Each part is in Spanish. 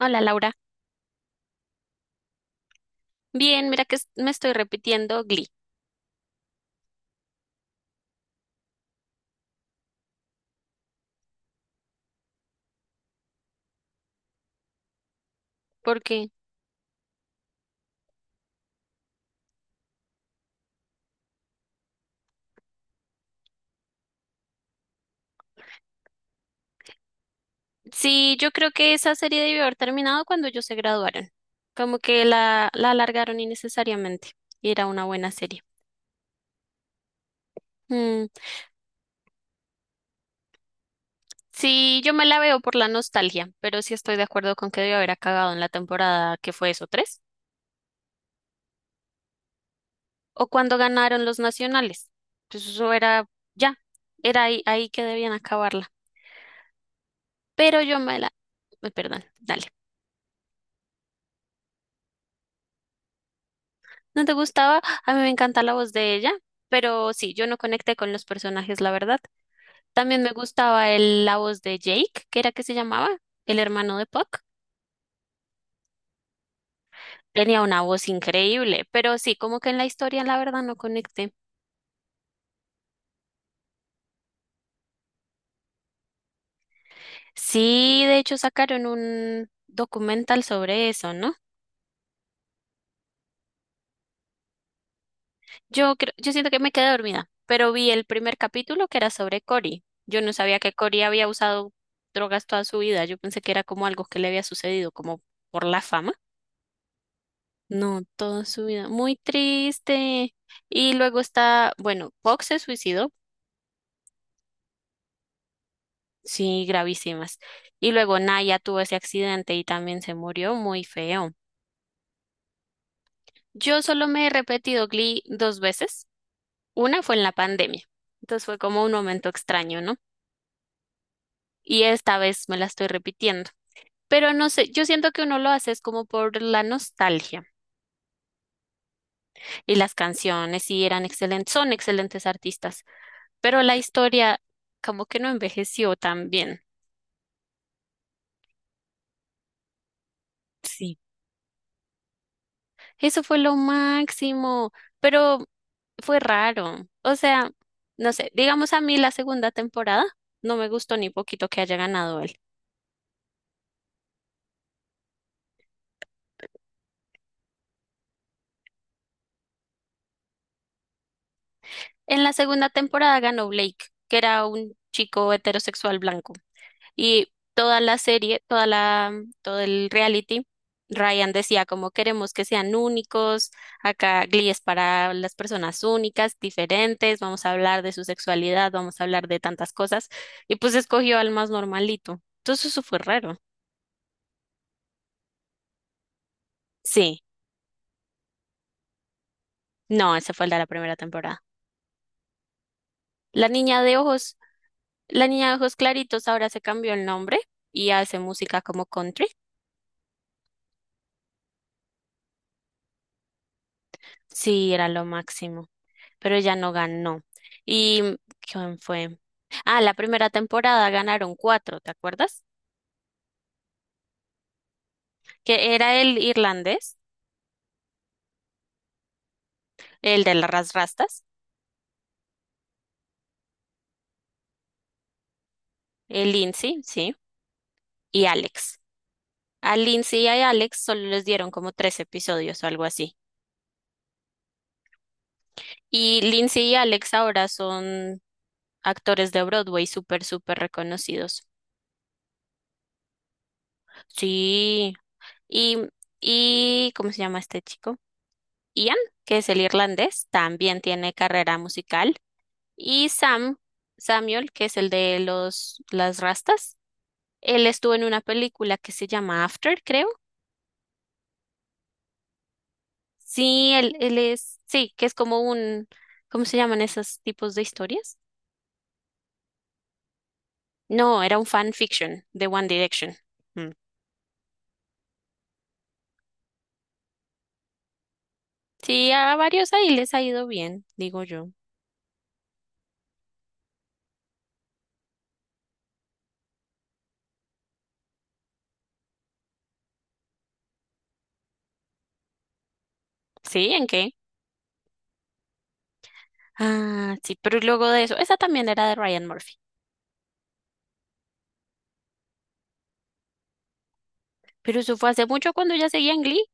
Hola Laura. Bien, mira que me estoy repitiendo Glee, porque sí, yo creo que esa serie debió haber terminado cuando ellos se graduaron. Como que la alargaron innecesariamente y era una buena serie. Mm, sí, yo me la veo por la nostalgia, pero sí estoy de acuerdo con que debió haber acabado en la temporada que fue eso, 3, o cuando ganaron los nacionales. Pues eso era ya, era ahí que debían acabarla. Pero yo me la, perdón, dale. ¿No te gustaba? A mí me encanta la voz de ella, pero sí, yo no conecté con los personajes, la verdad. También me gustaba la voz de Jake, que era que se llamaba, el hermano de Puck. Tenía una voz increíble, pero sí, como que en la historia, la verdad, no conecté. Sí, de hecho, sacaron un documental sobre eso, ¿no? Yo creo, yo siento que me quedé dormida, pero vi el primer capítulo que era sobre Cory. Yo no sabía que Cory había usado drogas toda su vida. Yo pensé que era como algo que le había sucedido, como por la fama. No, toda su vida. Muy triste. Y luego está, bueno, Fox se suicidó, sí, gravísimas. Y luego Naya tuvo ese accidente y también se murió muy feo. Yo solo me he repetido Glee 2 veces. Una fue en la pandemia. Entonces fue como un momento extraño, ¿no? Y esta vez me la estoy repitiendo. Pero no sé, yo siento que uno lo hace es como por la nostalgia. Y las canciones sí eran excelentes, son excelentes artistas. Pero la historia como que no envejeció tan bien. Sí, eso fue lo máximo, pero fue raro. O sea, no sé, digamos a mí la segunda temporada no me gustó ni poquito que haya ganado él. En la segunda temporada ganó Blake, que era un chico heterosexual blanco. Y toda la serie, toda la, todo el reality, Ryan decía como queremos que sean únicos, acá Glee es para las personas únicas, diferentes, vamos a hablar de su sexualidad, vamos a hablar de tantas cosas, y pues escogió al más normalito. Entonces eso fue raro. Sí, no, ese fue el de la primera temporada. La niña de ojos, la niña de ojos claritos ahora se cambió el nombre y hace música como country. Sí, era lo máximo. Pero ella no ganó. ¿Y quién fue? Ah, la primera temporada ganaron 4, ¿te acuerdas? Que era el irlandés, el de las rastas, el Lindsay, sí, y Alex. A Lindsay y a Alex solo les dieron como 3 episodios o algo así. Y Lindsay y Alex ahora son actores de Broadway súper, súper reconocidos. Sí. Y, y ¿cómo se llama este chico? Ian, que es el irlandés, también tiene carrera musical. Y Sam, Samuel, que es el de los, las rastas, él estuvo en una película que se llama After, creo. Sí, él es, sí, que es como un, ¿cómo se llaman esos tipos de historias? No, era un fan fiction de One Direction. Mm. Sí, a varios ahí les ha ido bien, digo yo. ¿Sí? ¿En qué? Ah, sí, pero luego de eso, esa también era de Ryan Murphy. Pero eso fue hace mucho cuando ya seguía en Glee.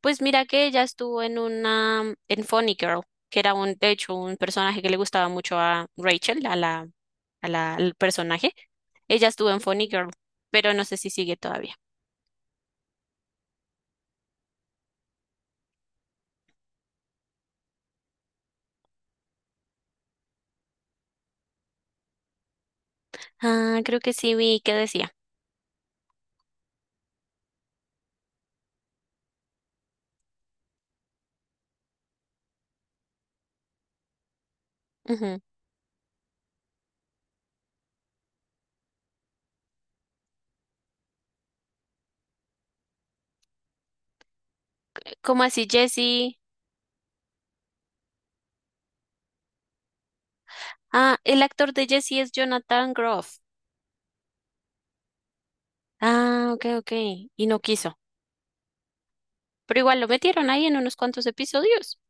Pues mira que ella estuvo en una, en Funny Girl, que era un, de hecho, un personaje que le gustaba mucho a Rachel, a la, al personaje. Ella estuvo en Funny Girl, pero no sé si sigue todavía. Ah, creo que sí vi que decía. Ujú. ¿Cómo así, Jesse? Ah, el actor de Jesse es Jonathan Groff. Ah, ok, ok. Y no quiso. Pero igual lo metieron ahí en unos cuantos episodios.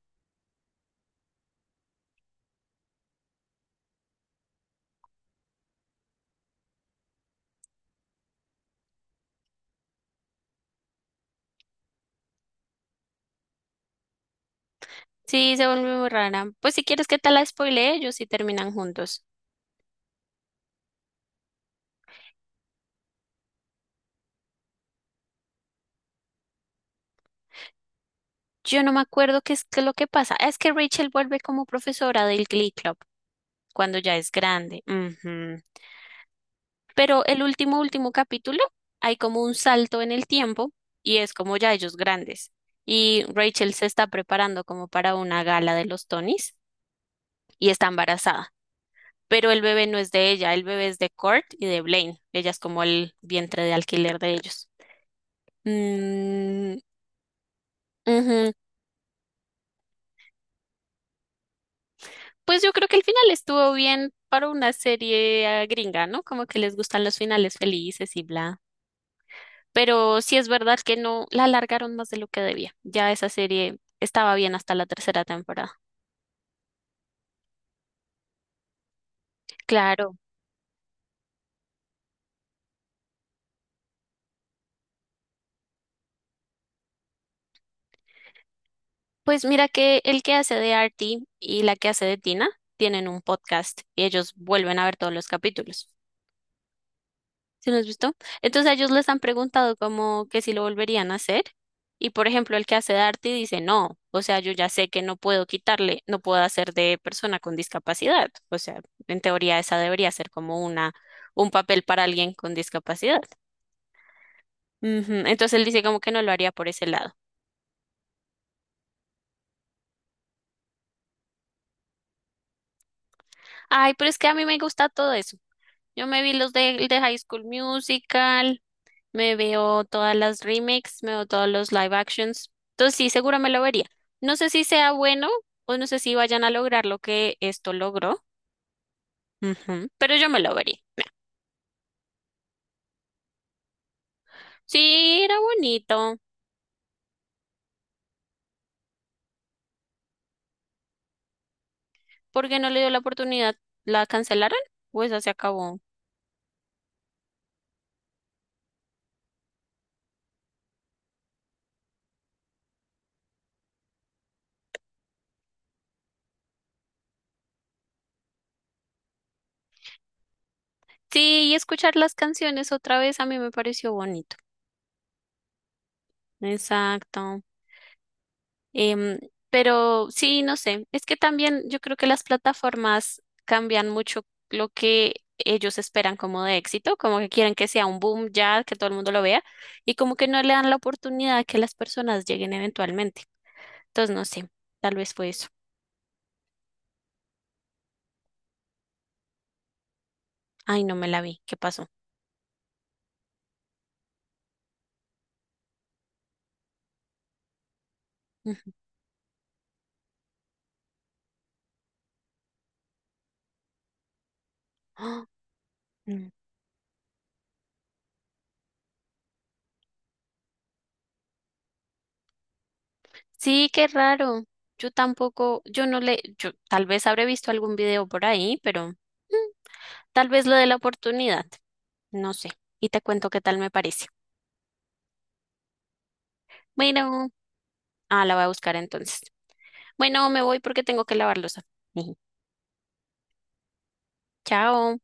Sí, se volvió muy rara. Pues si quieres que te la spoile ellos y terminan juntos. Yo no me acuerdo qué es lo que pasa. Es que Rachel vuelve como profesora del Glee Club cuando ya es grande. Ujú. Pero el último, último capítulo, hay como un salto en el tiempo y es como ya ellos grandes. Y Rachel se está preparando como para una gala de los Tonys y está embarazada. Pero el bebé no es de ella, el bebé es de Kurt y de Blaine. Ella es como el vientre de alquiler de ellos. Mm, ujú. Pues yo creo que el final estuvo bien para una serie gringa, ¿no? Como que les gustan los finales felices y bla. Pero sí es verdad que no la alargaron más de lo que debía. Ya esa serie estaba bien hasta la tercera temporada. Claro. Pues mira que el que hace de Artie y la que hace de Tina tienen un podcast y ellos vuelven a ver todos los capítulos. ¿Sí lo has visto? Entonces a ellos les han preguntado como que si lo volverían a hacer. Y por ejemplo, el que hace de arte dice no, o sea, yo ya sé que no puedo quitarle, no puedo hacer de persona con discapacidad. O sea, en teoría esa debería ser como una, un papel para alguien con discapacidad. Ujú. Entonces él dice como que no lo haría por ese lado. Ay, pero es que a mí me gusta todo eso. Yo me vi los de, el de High School Musical. Me veo todas las remakes, me veo todos los live actions. Entonces sí, seguro me lo vería. No sé si sea bueno o no sé si vayan a lograr lo que esto logró. Ujú. Pero yo me lo vería. Sí, era bonito. ¿Por qué no le dio la oportunidad? ¿La cancelaron? Pues ya se acabó. Sí, y escuchar las canciones otra vez a mí me pareció bonito. Exacto. Em, pero sí, no sé, es que también yo creo que las plataformas cambian mucho lo que ellos esperan como de éxito, como que quieren que sea un boom ya, que todo el mundo lo vea, y como que no le dan la oportunidad a que las personas lleguen eventualmente. Entonces, no sé, tal vez fue eso. Ay, no me la vi, ¿qué pasó? Ujú. ¡Ah! Mm. Sí, qué raro. Yo tampoco, yo no le, yo tal vez habré visto algún video por ahí, pero tal vez lo de la oportunidad, no sé, y te cuento qué tal me parece. Bueno, la voy a buscar entonces. Bueno, me voy porque tengo que lavar losa. Chao.